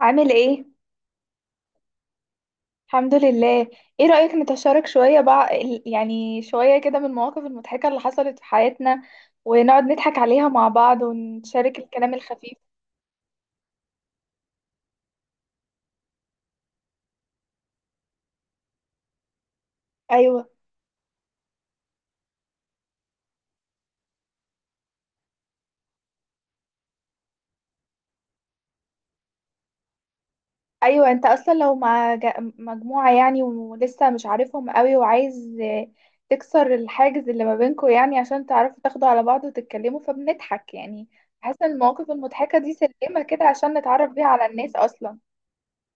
عامل ايه؟ الحمد لله. ايه رأيك نتشارك شوية بقى شوية كده من المواقف المضحكة اللي حصلت في حياتنا ونقعد نضحك عليها مع بعض ونشارك الكلام الخفيف. ايوه، ايوه، انت اصلا لو مع مجموعة يعني ولسه مش عارفهم قوي وعايز تكسر الحاجز اللي ما بينكم يعني عشان تعرفوا تاخدوا على بعض وتتكلموا، فبنضحك يعني. بحس ان المواقف المضحكة دي سلمة كده عشان نتعرف بيها على الناس اصلا.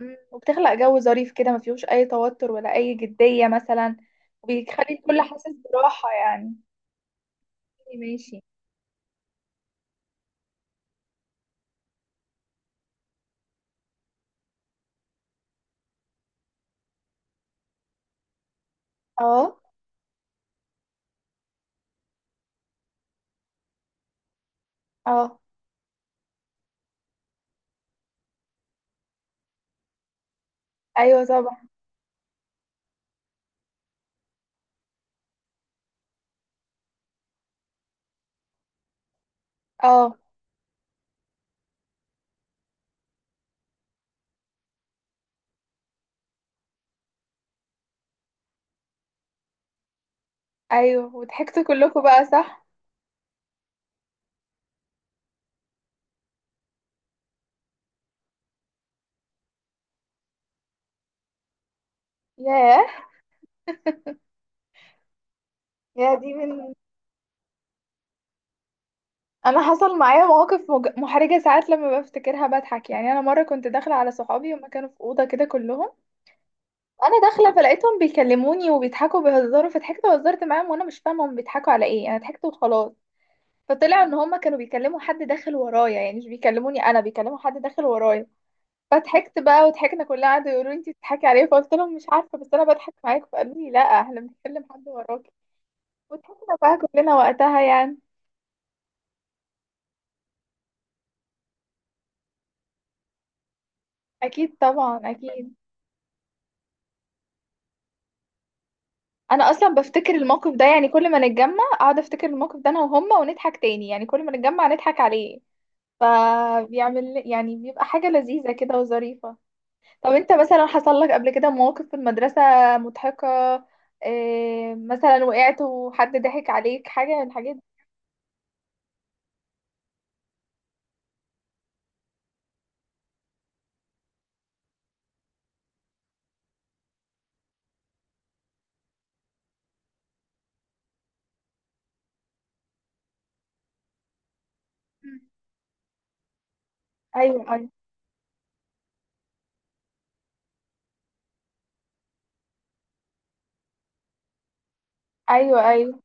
وبتخلق جو ظريف كده ما فيهوش اي توتر ولا اي جدية مثلا، وبيخلي الكل حاسس براحة يعني. ماشي. اه. اه. ايوه طبعا. اه. ايوه وضحكتوا كلكم بقى، صح؟ ياه. يا دي من. انا حصل معايا مواقف محرجه ساعات لما بفتكرها بضحك يعني. انا مره كنت داخله على صحابي هما كانوا في اوضه كده كلهم. انا داخله فلقيتهم بيكلموني وبيضحكوا بيهزروا، فضحكت وهزرت معاهم وانا مش فاهمه هم بيضحكوا على ايه، انا ضحكت وخلاص. فطلع ان هما كانوا بيكلموا حد داخل ورايا يعني مش بيكلموني انا، بيكلموا حد داخل ورايا. فضحكت بقى وضحكنا كلها، قعدوا يقولوا لي انت بتضحكي عليا، فقلت لهم مش عارفه بس انا بضحك معاكم، فقالوا لي لا احنا بنتكلم حد وراكي. وضحكنا بقى كلنا وقتها يعني. اكيد طبعا، اكيد. انا اصلا بفتكر الموقف ده، يعني كل ما نتجمع اقعد افتكر الموقف ده انا وهما ونضحك تاني يعني، كل ما نتجمع نضحك عليه. فبيعمل يعني بيبقى حاجه لذيذه كده وظريفه. طب انت مثلا حصل لك قبل كده مواقف في المدرسة مضحكة؟ إيه مثلا؟ وقعت وحد ضحك عليك؟ حاجة من الحاجات دي؟ مم. ايوه، ايوه، ايوه، ايوه.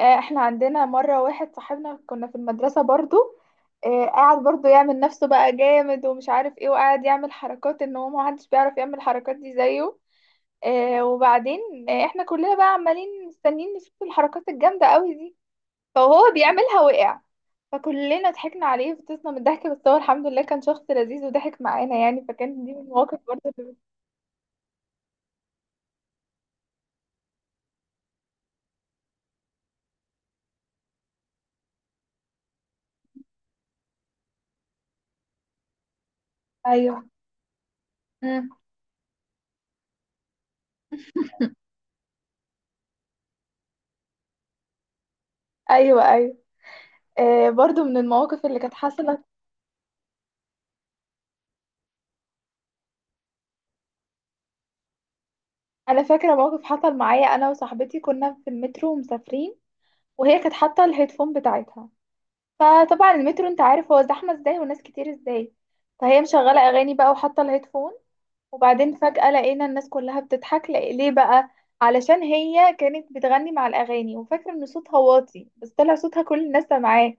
احنا عندنا مرة واحد صاحبنا كنا في المدرسة برضو. قاعد برضو يعمل نفسه بقى جامد ومش عارف ايه وقاعد يعمل حركات ان هو محدش بيعرف يعمل الحركات دي زيه. وبعدين احنا كلنا بقى عمالين مستنيين نشوف الحركات الجامدة قوي دي، فهو بيعملها وقع. فكلنا ضحكنا عليه وفطسنا من الضحك، بس هو الحمد لله كان شخص لذيذ وضحك معانا يعني، فكان دي من المواقف برضه اللي. ايوه. مم. ايوه، ايوه. آه برضه من المواقف اللي كانت حصلت. انا فاكره موقف حصل معايا انا وصاحبتي، كنا في المترو ومسافرين، وهي كانت حاطه الهيدفون بتاعتها. فطبعا المترو انت عارف هو زحمه ازاي وناس كتير ازاي، فهي مشغله اغاني بقى وحاطه الهيدفون. وبعدين فجأة لقينا الناس كلها بتضحك ليه بقى؟ علشان هي كانت بتغني مع الأغاني وفاكرة إن صوتها واطي، بس طلع صوتها كل الناس سامعاه.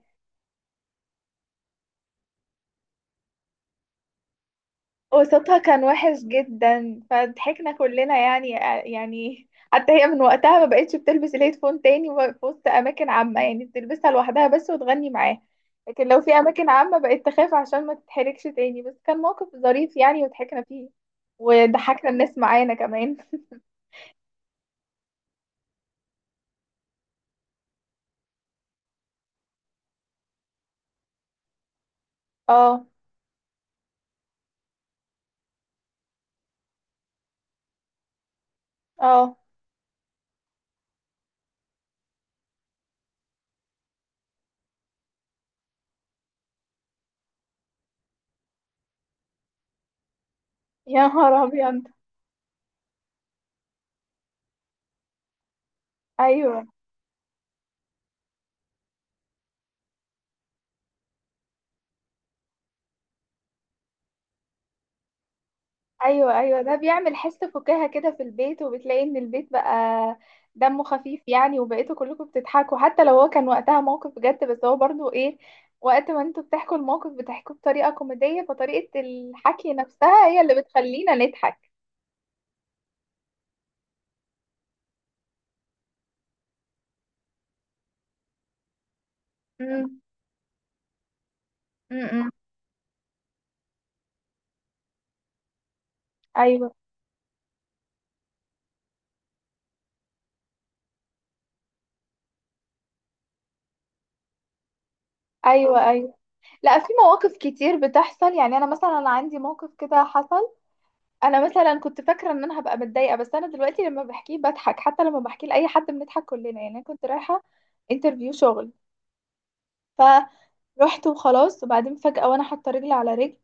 وصوتها كان وحش جدا، فضحكنا كلنا يعني. يعني حتى هي من وقتها ما بقتش بتلبس الهيدفون تاني في وسط أماكن عامة يعني، بتلبسها لوحدها بس وتغني معاه. لكن لو في أماكن عامة بقت تخاف عشان ما تتحركش تاني. بس كان موقف ظريف يعني وضحكنا فيه، وضحكنا الناس معانا كمان. اه. اه. يا نهار أبيض. ايوه، ايوه، ايوه، ده بيعمل حس فكاهة كده في البيت، وبتلاقي ان البيت بقى دمه خفيف يعني، وبقيتوا كلكم بتضحكوا. حتى لو هو كان وقتها موقف بجد بس هو برضو ايه، وقت ما انتوا بتحكوا الموقف بتحكوه بطريقة كوميدية، فطريقة الحكي نفسها هي اللي بتخلينا نضحك. امم. امم. ايوه، ايوه، ايوه. لا في مواقف كتير بتحصل يعني، انا مثلا عندي موقف كده حصل. انا مثلا كنت فاكره ان انا هبقى متضايقه، بس انا دلوقتي لما بحكيه بضحك، حتى لما بحكيه لاي حد بنضحك كلنا يعني. انا كنت رايحه انترفيو شغل، فروحت وخلاص، وبعدين فجاه وانا حاطه رجل على رجل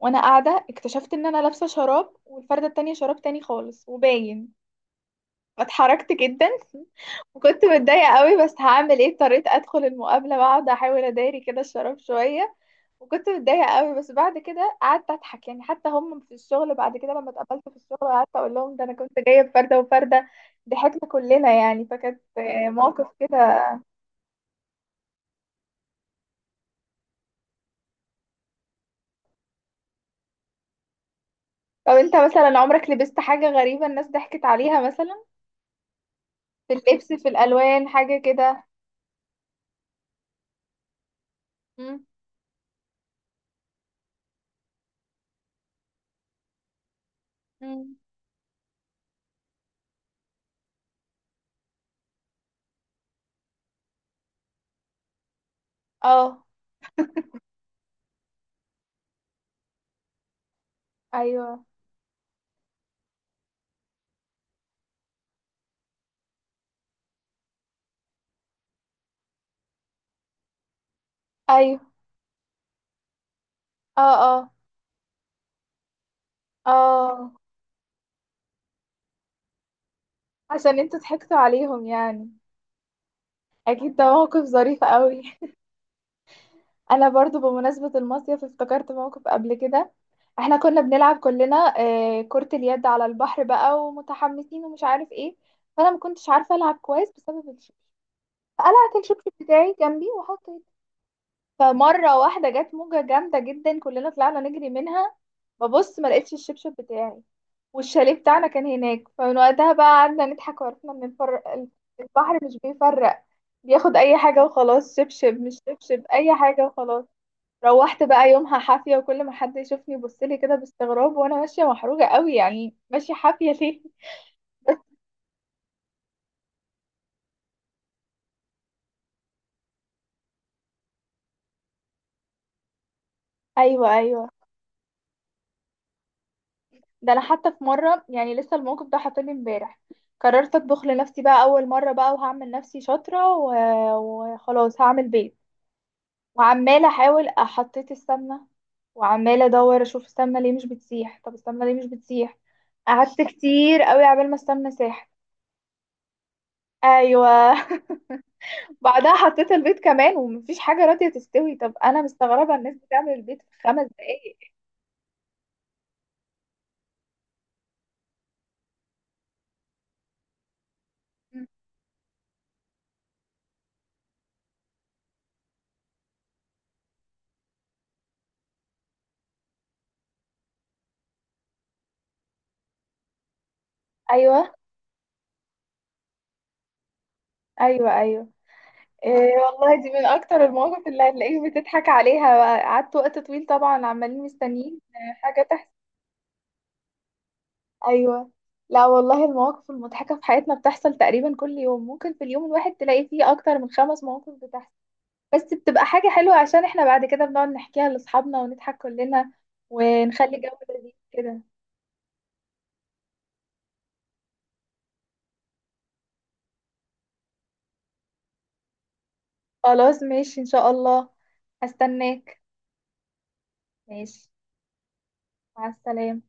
وانا قاعده اكتشفت ان انا لابسه شراب والفرده التانية شراب تاني خالص وباين، فاتحركت جدا. وكنت متضايقه قوي بس هعمل ايه، اضطريت ادخل المقابله واقعد احاول اداري كده الشراب شويه. وكنت متضايقة قوي بس بعد كده قعدت أضحك يعني. حتى هم في الشغل بعد كده لما اتقابلت في الشغل، قعدت أقول لهم ده أنا كنت جاية بفردة وفردة، ضحكنا كلنا يعني. فكانت موقف كده. طب أنت مثلا عمرك لبست حاجة غريبة الناس ضحكت عليها مثلا؟ في اللبس، في الألوان، حاجة كده؟ مم. مم. اه. أيوه. أيوه. اه. اه. اه. عشان انتوا ضحكتوا عليهم يعني. أكيد ده موقف ظريف قوي. انا برضو بمناسبة المصيف افتكرت موقف قبل كده. احنا كنا بنلعب كلنا كرة اليد على البحر بقى ومتحمسين ومش عارف ايه. فانا ما كنتش عارفة العب كويس بسبب الشبشب، فقلعت الشبشب بتاعي جنبي وحطيت. فمرة واحدة جت موجة جامدة جدا، كلنا طلعنا نجري منها. ببص ما لقيتش الشبشب بتاعي، والشاليه بتاعنا كان هناك. فمن وقتها بقى قعدنا نضحك، وعرفنا ان البحر مش بيفرق، بياخد اي حاجة وخلاص، شبشب مش شبشب اي حاجة وخلاص. روحت بقى يومها حافية، وكل ما حد يشوفني يبصلي كده باستغراب وانا ماشية محروجة قوي يعني، ماشية حافية ليه؟ ايوه، ايوه. ده انا حتى في مرة يعني لسه الموقف ده حاطني امبارح. قررت اطبخ لنفسي بقى اول مرة بقى وهعمل نفسي شاطرة وخلاص هعمل بيض. وعمالة احاول حطيت السمنة، وعمالة ادور اشوف السمنة ليه مش بتسيح، طب السمنة ليه مش بتسيح؟ قعدت كتير قوي عبال ما السمنة ساحت. ايوه. بعدها حطيت البيض كمان ومفيش حاجة راضية تستوي، طب أنا مستغربة الناس بتعمل البيض في 5 دقايق؟ مم. أيوه، أيوه، أيوه. إيه والله دي من أكتر المواقف اللي هتلاقيك بتضحك عليها بقى. قعدت وقت طويل طبعا عمالين مستنيين حاجة تحصل. أيوه. لا والله المواقف المضحكة في حياتنا بتحصل تقريبا كل يوم، ممكن في اليوم الواحد تلاقي فيه أكتر من خمس مواقف بتحصل. بس بتبقى حاجة حلوة عشان احنا بعد كده بنقعد نحكيها لأصحابنا ونضحك كلنا، ونخلي جو لذيذ كده. خلاص ماشي ان شاء الله. هستناك. ماشي. مع السلامة.